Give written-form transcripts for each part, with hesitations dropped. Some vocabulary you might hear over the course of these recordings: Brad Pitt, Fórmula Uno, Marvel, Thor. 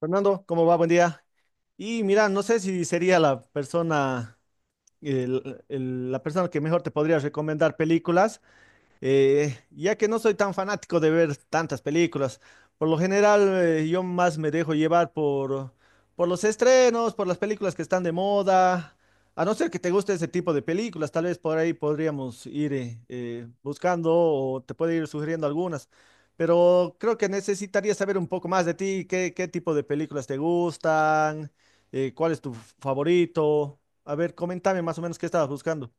Fernando, ¿cómo va? Buen día. Y mira, no sé si sería la persona, la persona que mejor te podría recomendar películas, ya que no soy tan fanático de ver tantas películas. Por lo general yo más me dejo llevar por los estrenos, por las películas que están de moda. A no ser que te guste ese tipo de películas, tal vez por ahí podríamos ir buscando o te puedo ir sugiriendo algunas, pero creo que necesitaría saber un poco más de ti, qué tipo de películas te gustan, cuál es tu favorito. A ver, coméntame más o menos qué estabas buscando.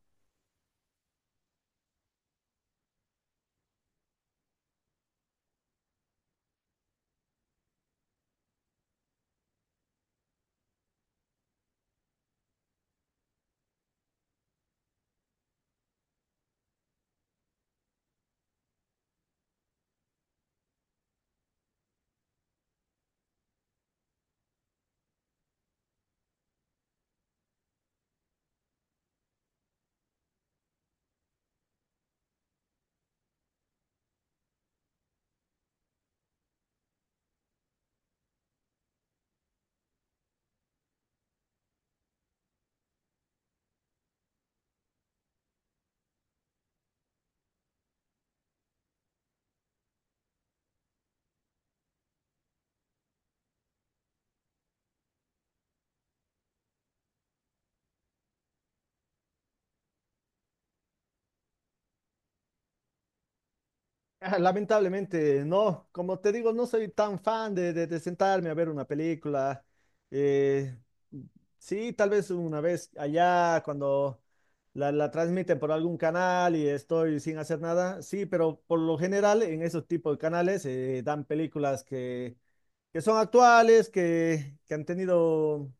Ah, lamentablemente, no. Como te digo, no soy tan fan de, de sentarme a ver una película. Eh, sí, tal vez una vez allá cuando la transmiten por algún canal y estoy sin hacer nada. Sí, pero por lo general en esos tipos de canales dan películas que son actuales, que han tenido,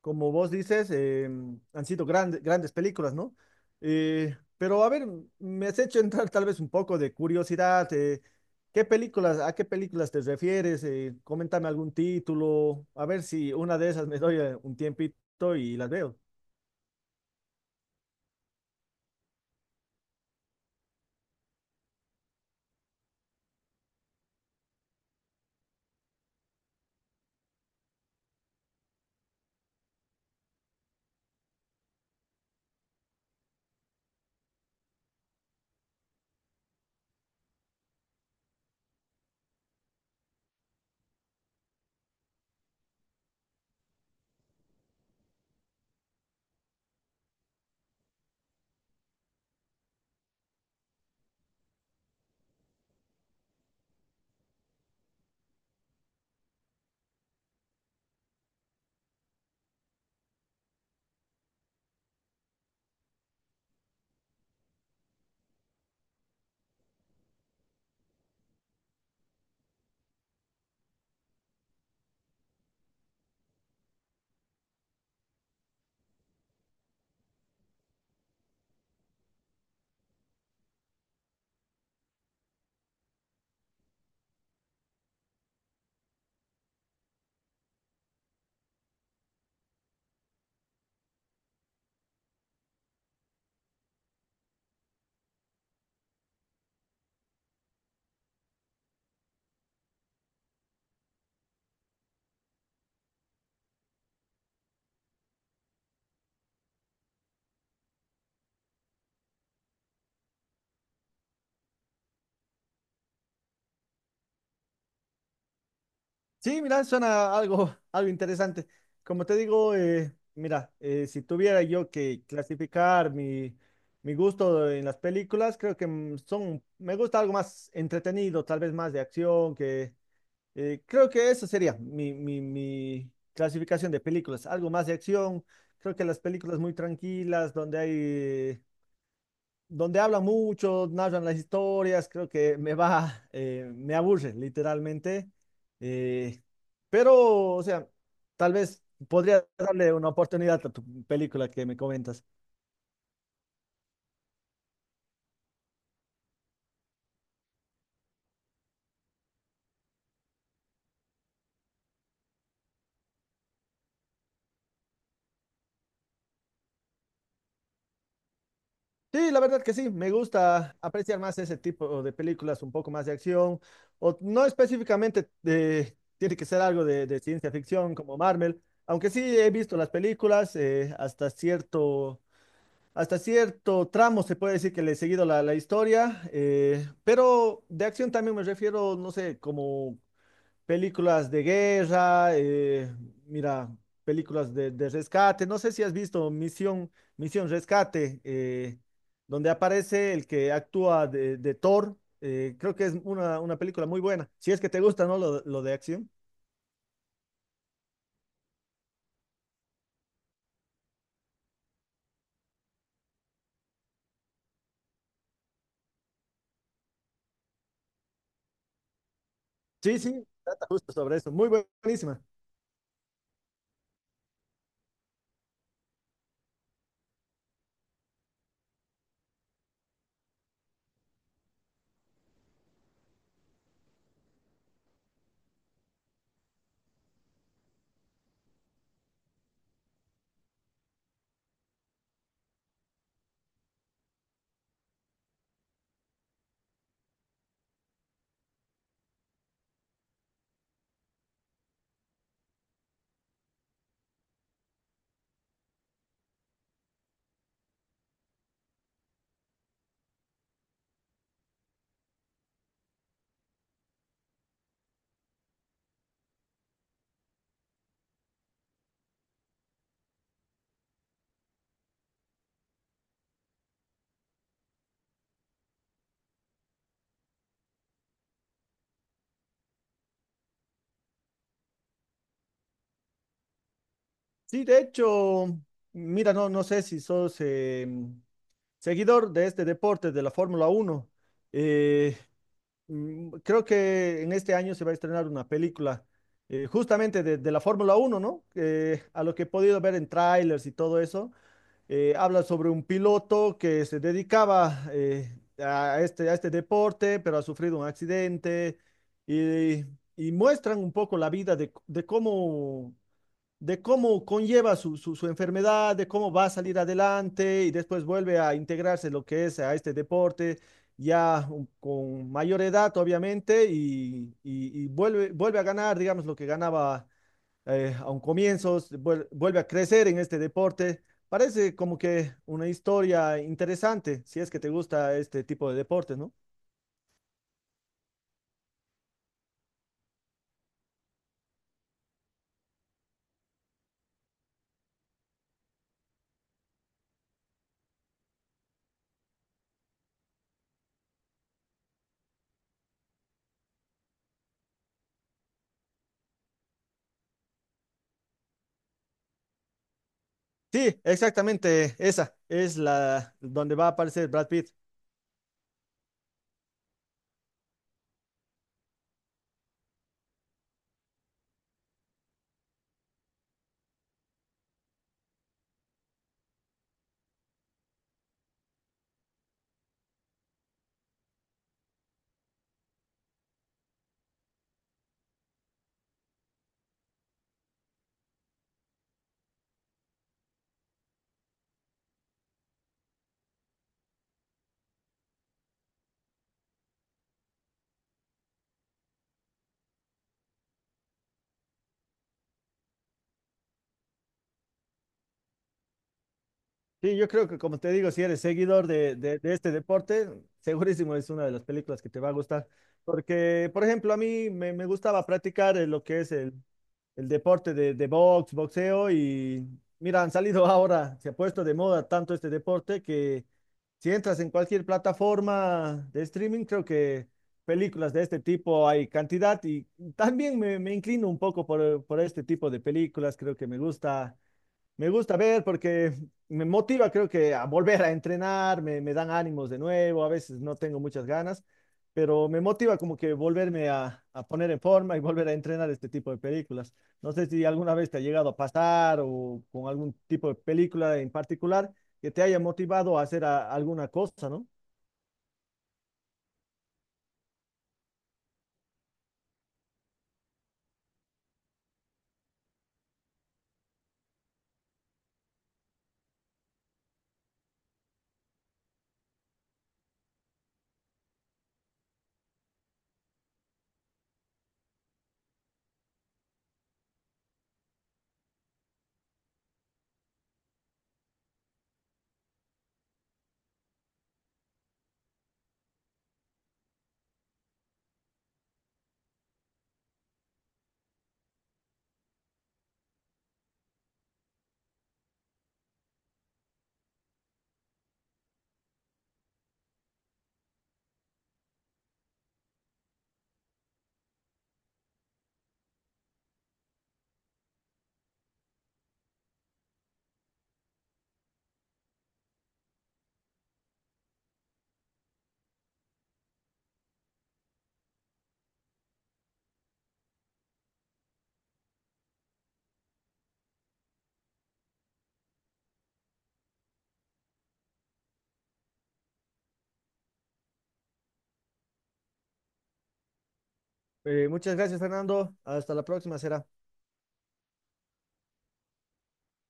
como vos dices, han sido grandes películas, ¿no? Pero a ver, me has hecho entrar tal vez un poco de curiosidad. ¿Qué películas, a qué películas te refieres? Coméntame algún título, a ver si una de esas me doy un tiempito y las veo. Sí, mira, suena algo, algo interesante. Como te digo, mira, si tuviera yo que clasificar mi, mi gusto en las películas, creo que son, me gusta algo más entretenido, tal vez más de acción, que creo que eso sería mi clasificación de películas, algo más de acción. Creo que las películas muy tranquilas, donde hay donde hablan mucho, narran las historias, creo que me va, me aburre literalmente. Eh, pero, o sea, tal vez podría darle una oportunidad a tu película que me comentas. Sí, la verdad que sí, me gusta apreciar más ese tipo de películas, un poco más de acción, o no específicamente tiene que ser algo de ciencia ficción como Marvel, aunque sí he visto las películas hasta cierto, hasta cierto tramo se puede decir que le he seguido la historia, pero de acción también me refiero, no sé, como películas de guerra, mira, películas de rescate, no sé si has visto Misión, Misión Rescate, donde aparece el que actúa de Thor. Creo que es una película muy buena, si es que te gusta, ¿no? Lo de acción. Sí, sí, trata justo sobre eso, muy buenísima. Sí, de hecho, mira, no, no sé si sos... seguidor de este deporte, de la Fórmula 1. eh, Creo que en este año se va a estrenar una película justamente de la Fórmula 1, ¿no? A lo que he podido ver en trailers y todo eso, habla sobre un piloto que se dedicaba a este deporte, pero ha sufrido un accidente y, y muestran un poco la vida de cómo, de cómo conlleva su, su, su enfermedad, de cómo va a salir adelante y después vuelve a integrarse lo que es a este deporte, ya con mayor edad, obviamente, y vuelve, vuelve a ganar, digamos, lo que ganaba a un comienzo, vuelve a crecer en este deporte. Parece como que una historia interesante, si es que te gusta este tipo de deportes, ¿no? Sí, exactamente esa es la donde va a aparecer Brad Pitt. Sí, yo creo que como te digo, si eres seguidor de, de este deporte, segurísimo es una de las películas que te va a gustar. Porque, por ejemplo, a mí me, me gustaba practicar lo que es el deporte de box, boxeo, y mira, han salido ahora, se ha puesto de moda tanto este deporte que si entras en cualquier plataforma de streaming, creo que películas de este tipo hay cantidad, y también me inclino un poco por este tipo de películas, creo que me gusta. Me gusta ver porque me motiva, creo que a volver a entrenar, me dan ánimos de nuevo, a veces no tengo muchas ganas, pero me motiva como que volverme a poner en forma y volver a entrenar este tipo de películas. No sé si alguna vez te ha llegado a pasar o con algún tipo de película en particular que te haya motivado a hacer alguna cosa, ¿no? Muchas gracias, Fernando. Hasta la próxima, será.